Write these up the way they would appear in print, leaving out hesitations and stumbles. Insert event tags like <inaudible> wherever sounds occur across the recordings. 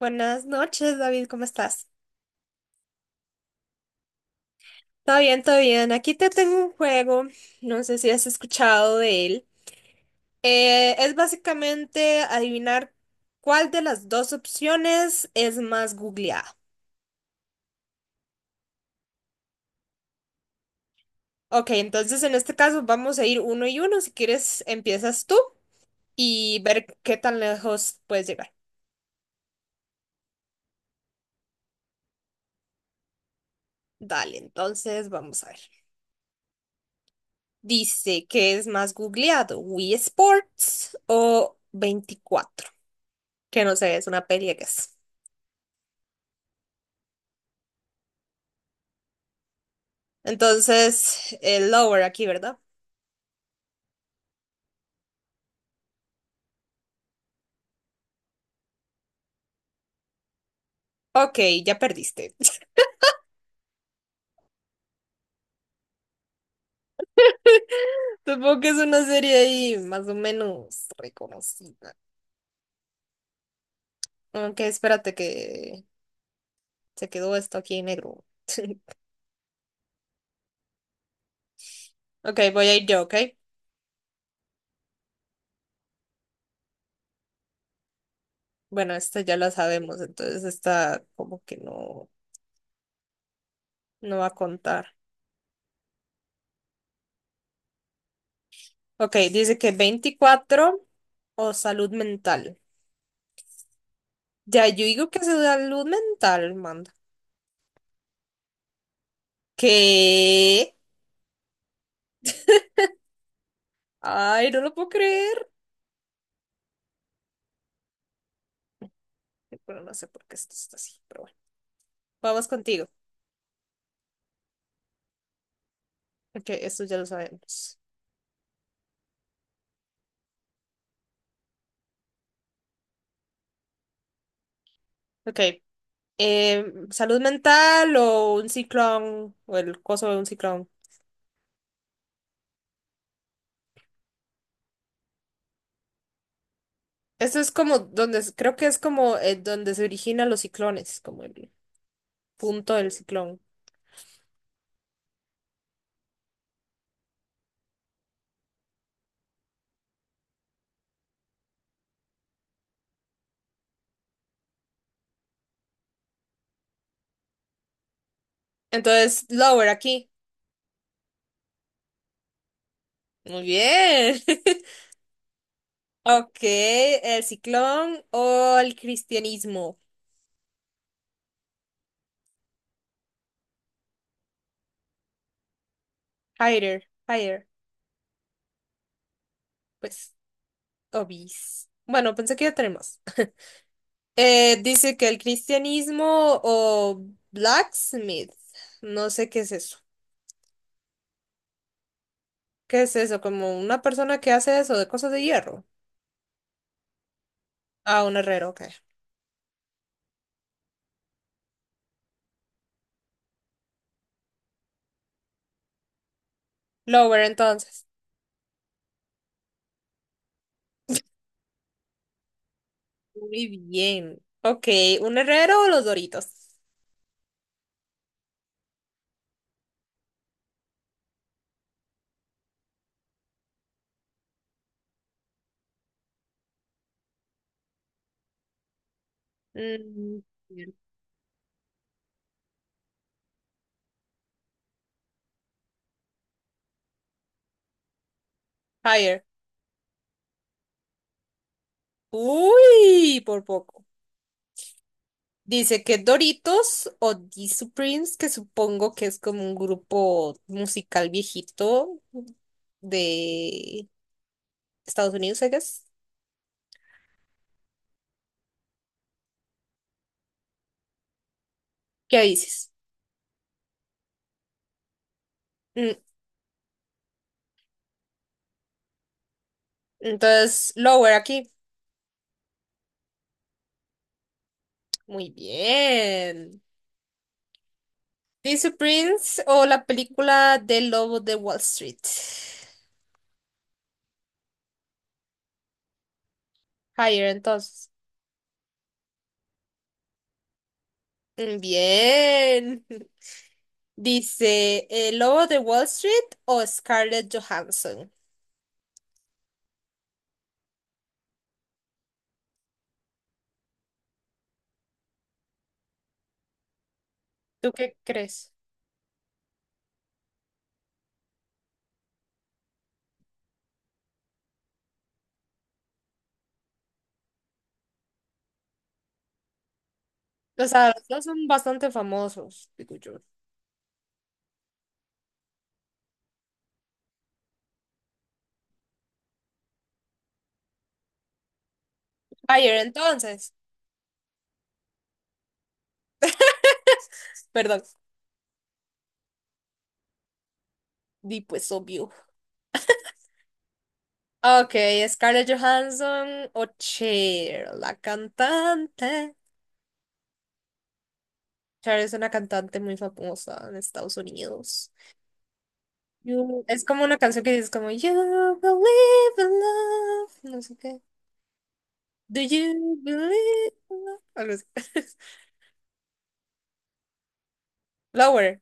Buenas noches, David, ¿cómo estás? Todo bien, todo bien. Aquí te tengo un juego, no sé si has escuchado de él. Es básicamente adivinar cuál de las dos opciones es más googleada. Ok, entonces en este caso vamos a ir uno y uno. Si quieres, empiezas tú y ver qué tan lejos puedes llegar. Dale, entonces vamos a ver. Dice que es más googleado, ¿Wii Sports o Veinticuatro? Que no sé, es una peli que es. Entonces, el lower aquí, ¿verdad? Ok, ya perdiste. <laughs> Supongo que es una serie ahí más o menos reconocida. Ok, espérate que se quedó esto aquí en negro. <laughs> Ok, voy a ir yo, ¿ok? Bueno, esta ya la sabemos, entonces esta como que no, no va a contar. Ok, dice que veinticuatro o salud mental. Ya, yo digo que es salud mental, manda. ¿Qué? Ay, no lo puedo creer. Pero no sé por qué esto está así, pero vamos contigo. Ok, esto ya lo sabemos. Ok. eh, Salud mental o un ciclón o el coso de un ciclón. Esto es como donde, creo que es como, donde se originan los ciclones, como el punto del ciclón. Entonces, lower aquí. Muy bien. <laughs> Ok, el ciclón o el cristianismo. Higher, higher, pues, obis. Bueno, pensé que ya tenemos. Dice que el cristianismo o blacksmith, no sé qué es eso. ¿Qué es eso? ¿Como una persona que hace eso de cosas de hierro? Ah, un herrero, ok. Lover, entonces. Muy bien. Ok, ¿un herrero o los Doritos? Mm, bien. Higher. Uy, por poco. Dice que Doritos o the supremes, que supongo que es como un grupo musical viejito de Estados Unidos, I guess. ¿Qué dices? Mm. Entonces, lower aquí. Muy bien. Dice Prince o la película del Lobo de Wall Street. Higher, entonces. Mm, bien. <laughs> Dice, ¿el Lobo de Wall Street o Scarlett Johansson? ¿Tú qué crees? O sea, los dos son bastante famosos, digo yo. Higher, entonces. Perdón. Di pues obvio. Ok, Scarlett Johansson o Cher, la cantante. Cher es una cantante muy famosa en Estados Unidos. Es como una canción que dice como You believe in love, no sé qué. Do you believe in love? Algo así. <laughs> Lower.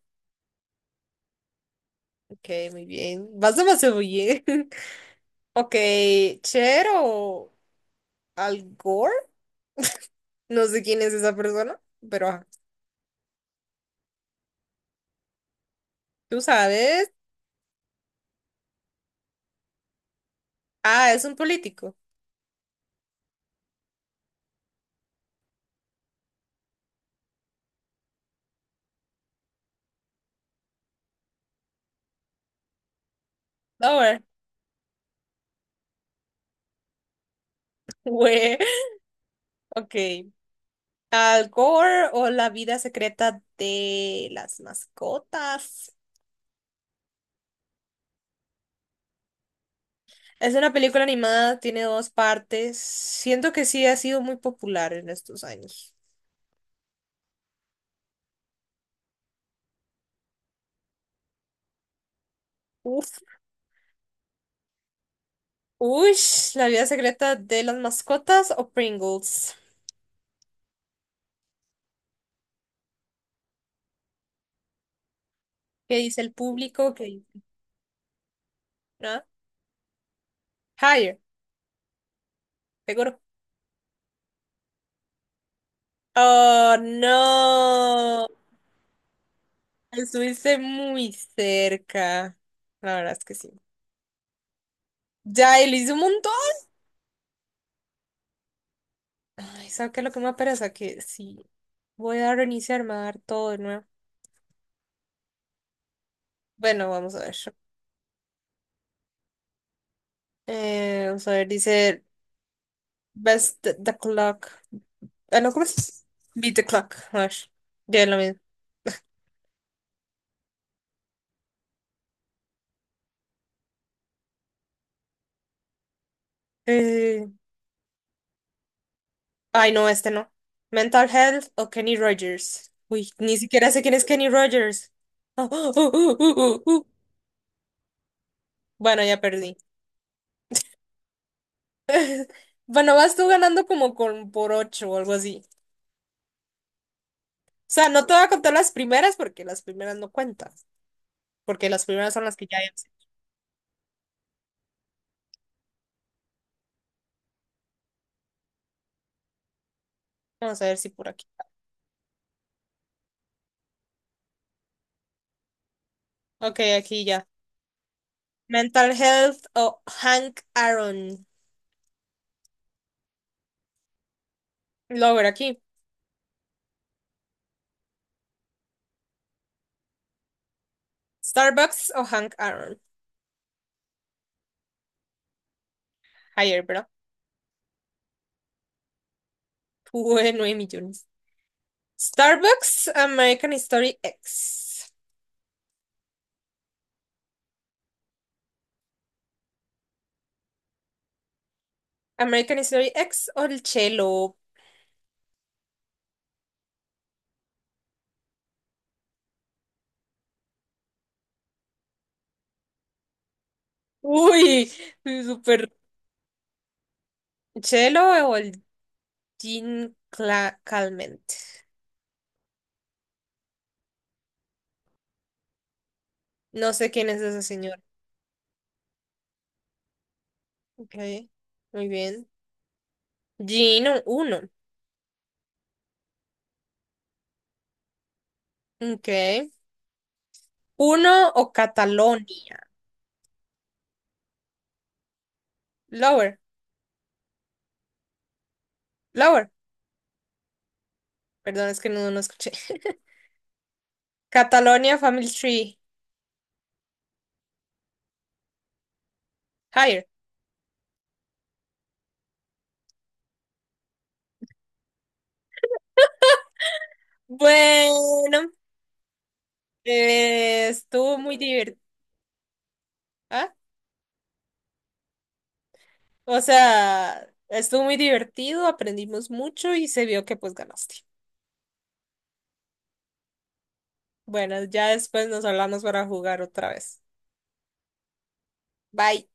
Ok, muy bien. Vas demasiado bien. <laughs> Ok, Cher o Al Gore. No sé quién es esa persona, pero ajá. Tú sabes. Ah, es un político. Lower. <laughs> Güey. Ok. Al Gore o la vida secreta de las mascotas. Es una película animada, tiene dos partes. Siento que sí ha sido muy popular en estos años. Uf. Ush, la vida secreta de las mascotas o Pringles. ¿Qué dice el público? ¿Qué dice? ¿Ah? Higher, seguro. Oh, no. Estuviste muy cerca. La verdad es que sí. Ya, y lo hice un montón. Ay, ¿sabes qué es lo que me pereza? Que sí. Voy a reiniciar, me va a dar todo de nuevo. Bueno, vamos a ver. Vamos a ver, dice. Best the The Clock. Ah, no, ¿cómo es? Beat the Clock. A ver, ya es lo mismo. Eh, Ay, no, este no. ¿Mental Health o Kenny Rogers? Uy, ni siquiera sé quién es Kenny Rogers. <laughs> Ah, uh. Bueno, ya perdí. <laughs> Bueno, vas tú ganando como con por ocho o algo así. O sea, no te voy a contar las primeras porque las primeras no cuentan. Porque las primeras son las que ya hice. Vamos a ver si por aquí. Ok, aquí ya. Mental Health o Hank Aaron. Lo voy a ver aquí. Starbucks o Hank Aaron. Higher, bro. Tuve 9 millones. Starbucks, American Story X. American Story X o el Chelo. Uy, super. Chelo o el Calment. No sé quién es ese señor. Ok, muy bien. Gino, uno. Ok. ¿Uno o Catalonia? Lower, lower. Perdón, es que no, no escuché. <laughs> Catalonia Family Tree. Higher. Bueno. Estuvo muy divertido. ¿Ah? O sea, estuvo muy divertido, aprendimos mucho y se vio que pues ganaste. Bueno, ya después nos hablamos para jugar otra vez. Bye.